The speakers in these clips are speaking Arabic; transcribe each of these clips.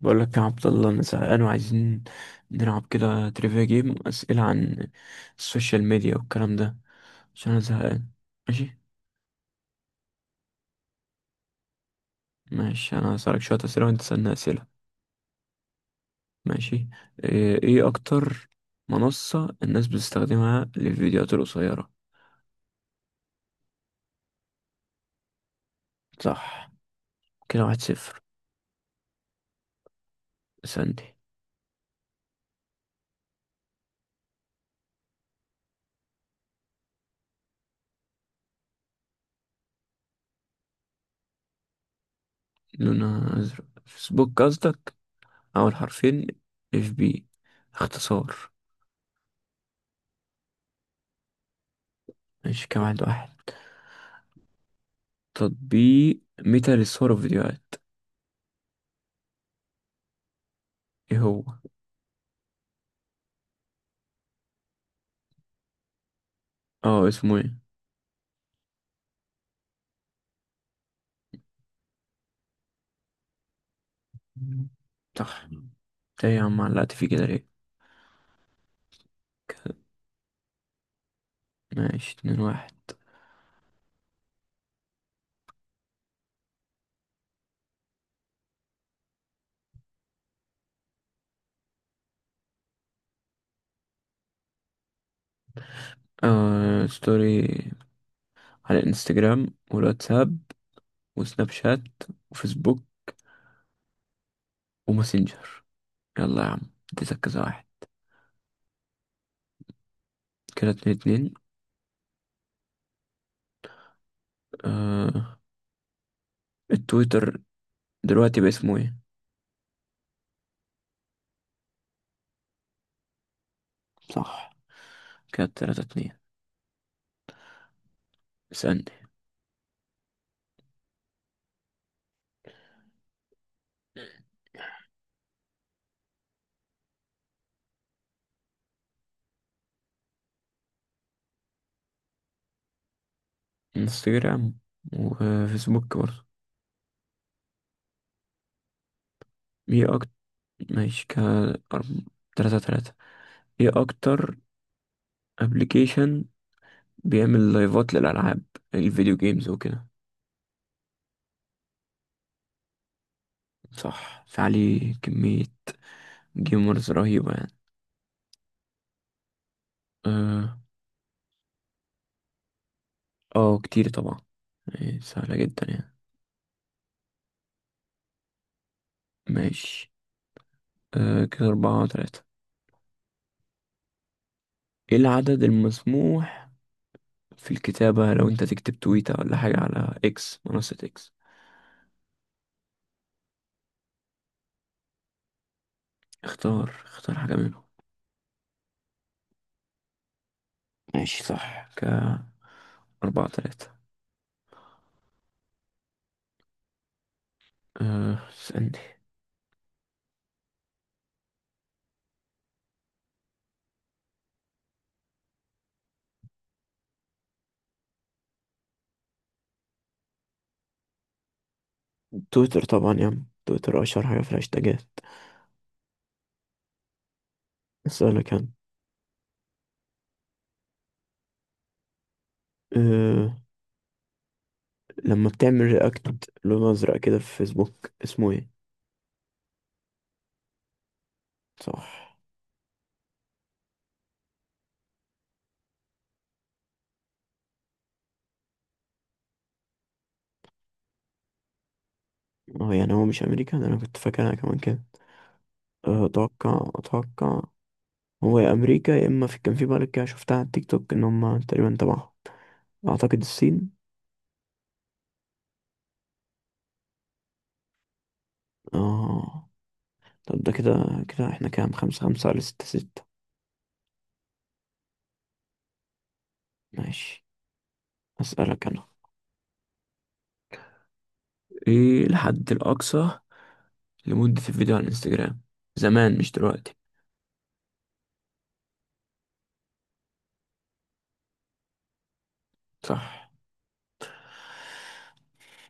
بقول لك يا عبد الله انا زهقان وعايزين نلعب كده تريفيا جيم، اسئله عن السوشيال ميديا والكلام ده عشان انا زهقان. ماشي. ماشي، انا هسألك شويه اسئله وانت تسألني اسئله. ماشي. ايه اكتر منصه الناس بتستخدمها للفيديوهات القصيره؟ صح، كده واحد صفر. اسألني. لونها ازرق، فيسبوك قصدك؟ اول حرفين اف بي، اختصار. ماشي كده واحد واحد. تطبيق ميتا للصور والفيديوهات، ايه هو؟ اه اسمه ايه؟ صح. إنت ايه يا عم علقت فيه كده ليه؟ ك- ماشي اتنين واحد. آه، ستوري على الانستجرام والواتساب وسناب شات وفيسبوك وماسنجر. يلا يا عم، اديتك كذا واحد، كده اتنين اتنين. آه التويتر دلوقتي باسمه ايه؟ صح، كده تلاتة اتنين. اسألني. انستجرام وفيسبوك برضه. ايه اكتر؟ ماشي كده. أرب- تلاتة تلاتة. ايه اكتر ابلكيشن بيعمل لايفات للألعاب، الفيديو جيمز وكده؟ صح، في عليه كمية جيمرز رهيبة يعني. اه. آه، كتير طبعا. إيه، سهلة جدا يعني. ماشي، آه كده أربعة وتلاتة. ايه العدد المسموح في الكتابة لو انت تكتب تويتة ولا حاجة على اكس، منصة اكس؟ اختار حاجة منهم. ماشي صح، كأربعة تلاتة. أه اسألني. تويتر طبعا يا عم، تويتر أشهر حاجة في الهاشتاجات. اسألك أنا. آه، لما بتعمل رياكت لون ازرق كده في فيسبوك اسمه ايه؟ صح. هو مش امريكا، ده انا كنت فاكر انا كمان كده. أه، اتوقع. هو يا امريكا يا اما في كان في بلد كده شفتها على التيك توك ان هم تقريبا تبعهم. اعتقد الصين. اه طب ده كده، كده احنا كام؟ خمسة خمسة ولا ستة ستة؟ ماشي. اسألك انا، ايه الحد الاقصى لمدة الفيديو على الانستجرام زمان، مش دلوقتي؟ صح.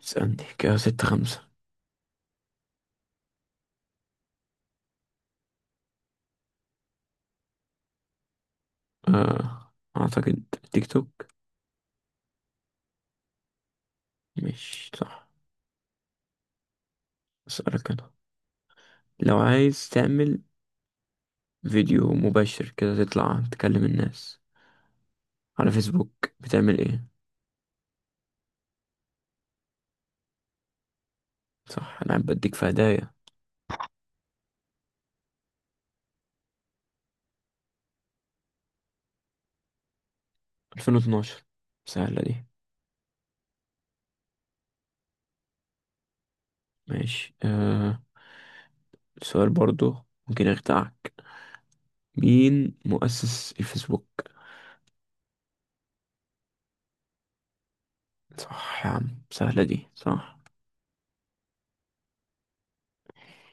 اسألني، كده ستة خمسة. آه. اعتقد تيك توك. مش صح. اسألك أنا، لو عايز تعمل فيديو مباشر كده تطلع تكلم الناس على فيسبوك بتعمل ايه؟ صح، انا قاعد بديك في هدايا. 2012، سهلة دي. ماشي، آه سؤال برضو ممكن يخدعك، مين مؤسس الفيسبوك؟ صح يا عم، سهلة دي صح.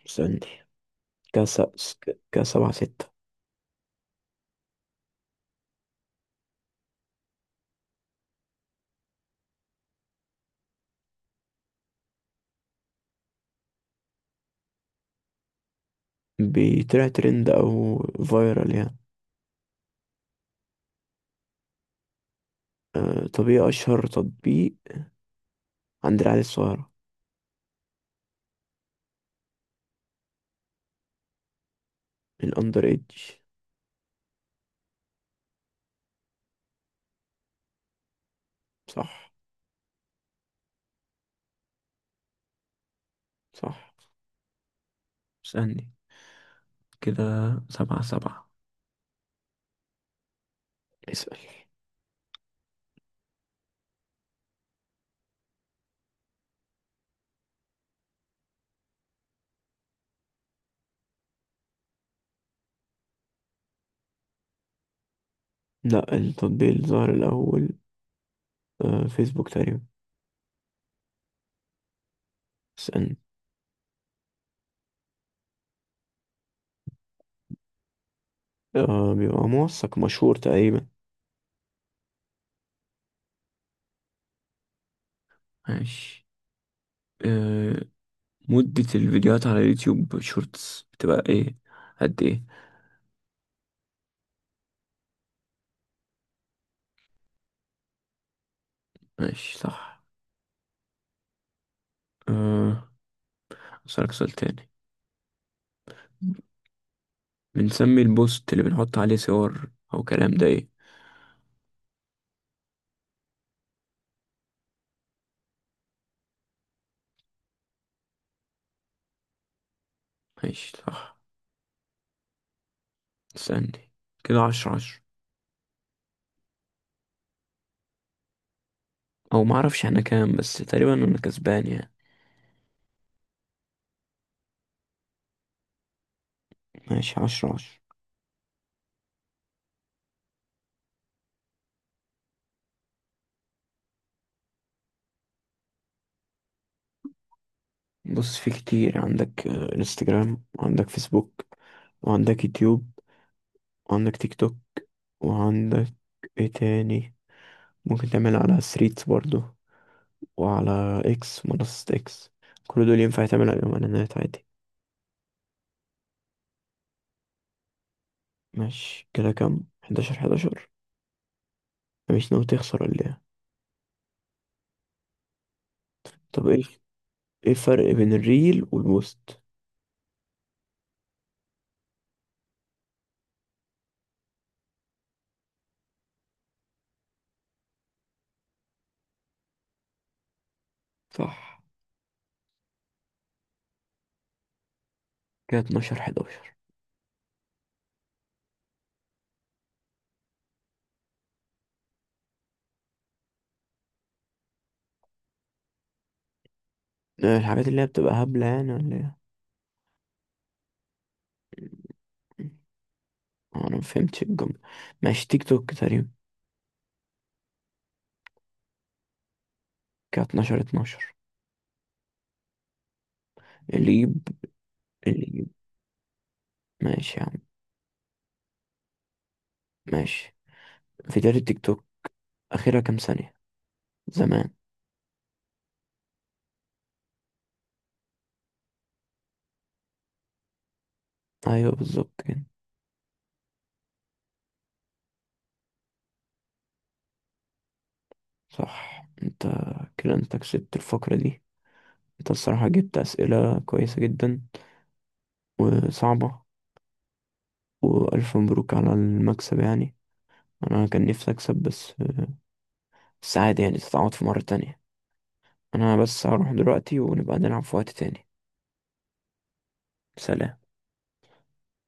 سألني. كاس كاس سبعة ستة. بيطلع ترند أو فايرال يعني. آه، طب ايه أشهر تطبيق عند العيال الصغيرة؟ الأندر إيدج. صح. صح، اسألني، كده سبعة سبعة. اسأل. لا، التطبيق اللي ظهر الأول آه فيسبوك تقريبا. اسألني. آه بيبقى موثق، مشهور تقريبا. ماشي، أه، مدة الفيديوهات على يوتيوب شورتس بتبقى ايه، قد ايه؟ ماشي صح. أه، أسألك سؤال تاني. بنسمي البوست اللي بنحط عليه صور أو كلام ده ايه؟ ماشي صح. استني، كده عشرة عشرة. أو معرفش احنا كام بس، تقريبا أنا كسبان يعني. ماشي عشرة عشرة. بص، في كتير عندك، آه، انستجرام وعندك فيسبوك وعندك يوتيوب وعندك تيك توك وعندك ايه تاني، ممكن تعمل على ثريدز برضو، وعلى اكس منصة اكس. كل دول ينفع تعمل عليهم اعلانات عادي. ماشي كده كام، حداشر حداشر؟ مش ناوي تخسر ولا ايه؟ طب ايه، ايه الفرق بين الريل والبوست؟ صح، كده اتناشر حداشر. الحاجات اللي هي بتبقى هبلة يعني ولا ايه؟ آه، انا ما فهمتش الجملة. ماشي تيك توك تقريبا، كده 12 12. اللي يجيب، اللي يجيب. ماشي يا عم. ماشي. فيديوهات التيك توك اخرها كام ثانية زمان؟ ايوه بالظبط كده. صح انت، كده انت كسبت الفقرة دي. انت الصراحة جبت اسئلة كويسة جدا وصعبة، والف مبروك على المكسب يعني. انا كان نفسي اكسب بس، بس عادي يعني، تتعوض في مرة تانية. انا بس هروح دلوقتي ونبقى نلعب في وقت تاني. سلام.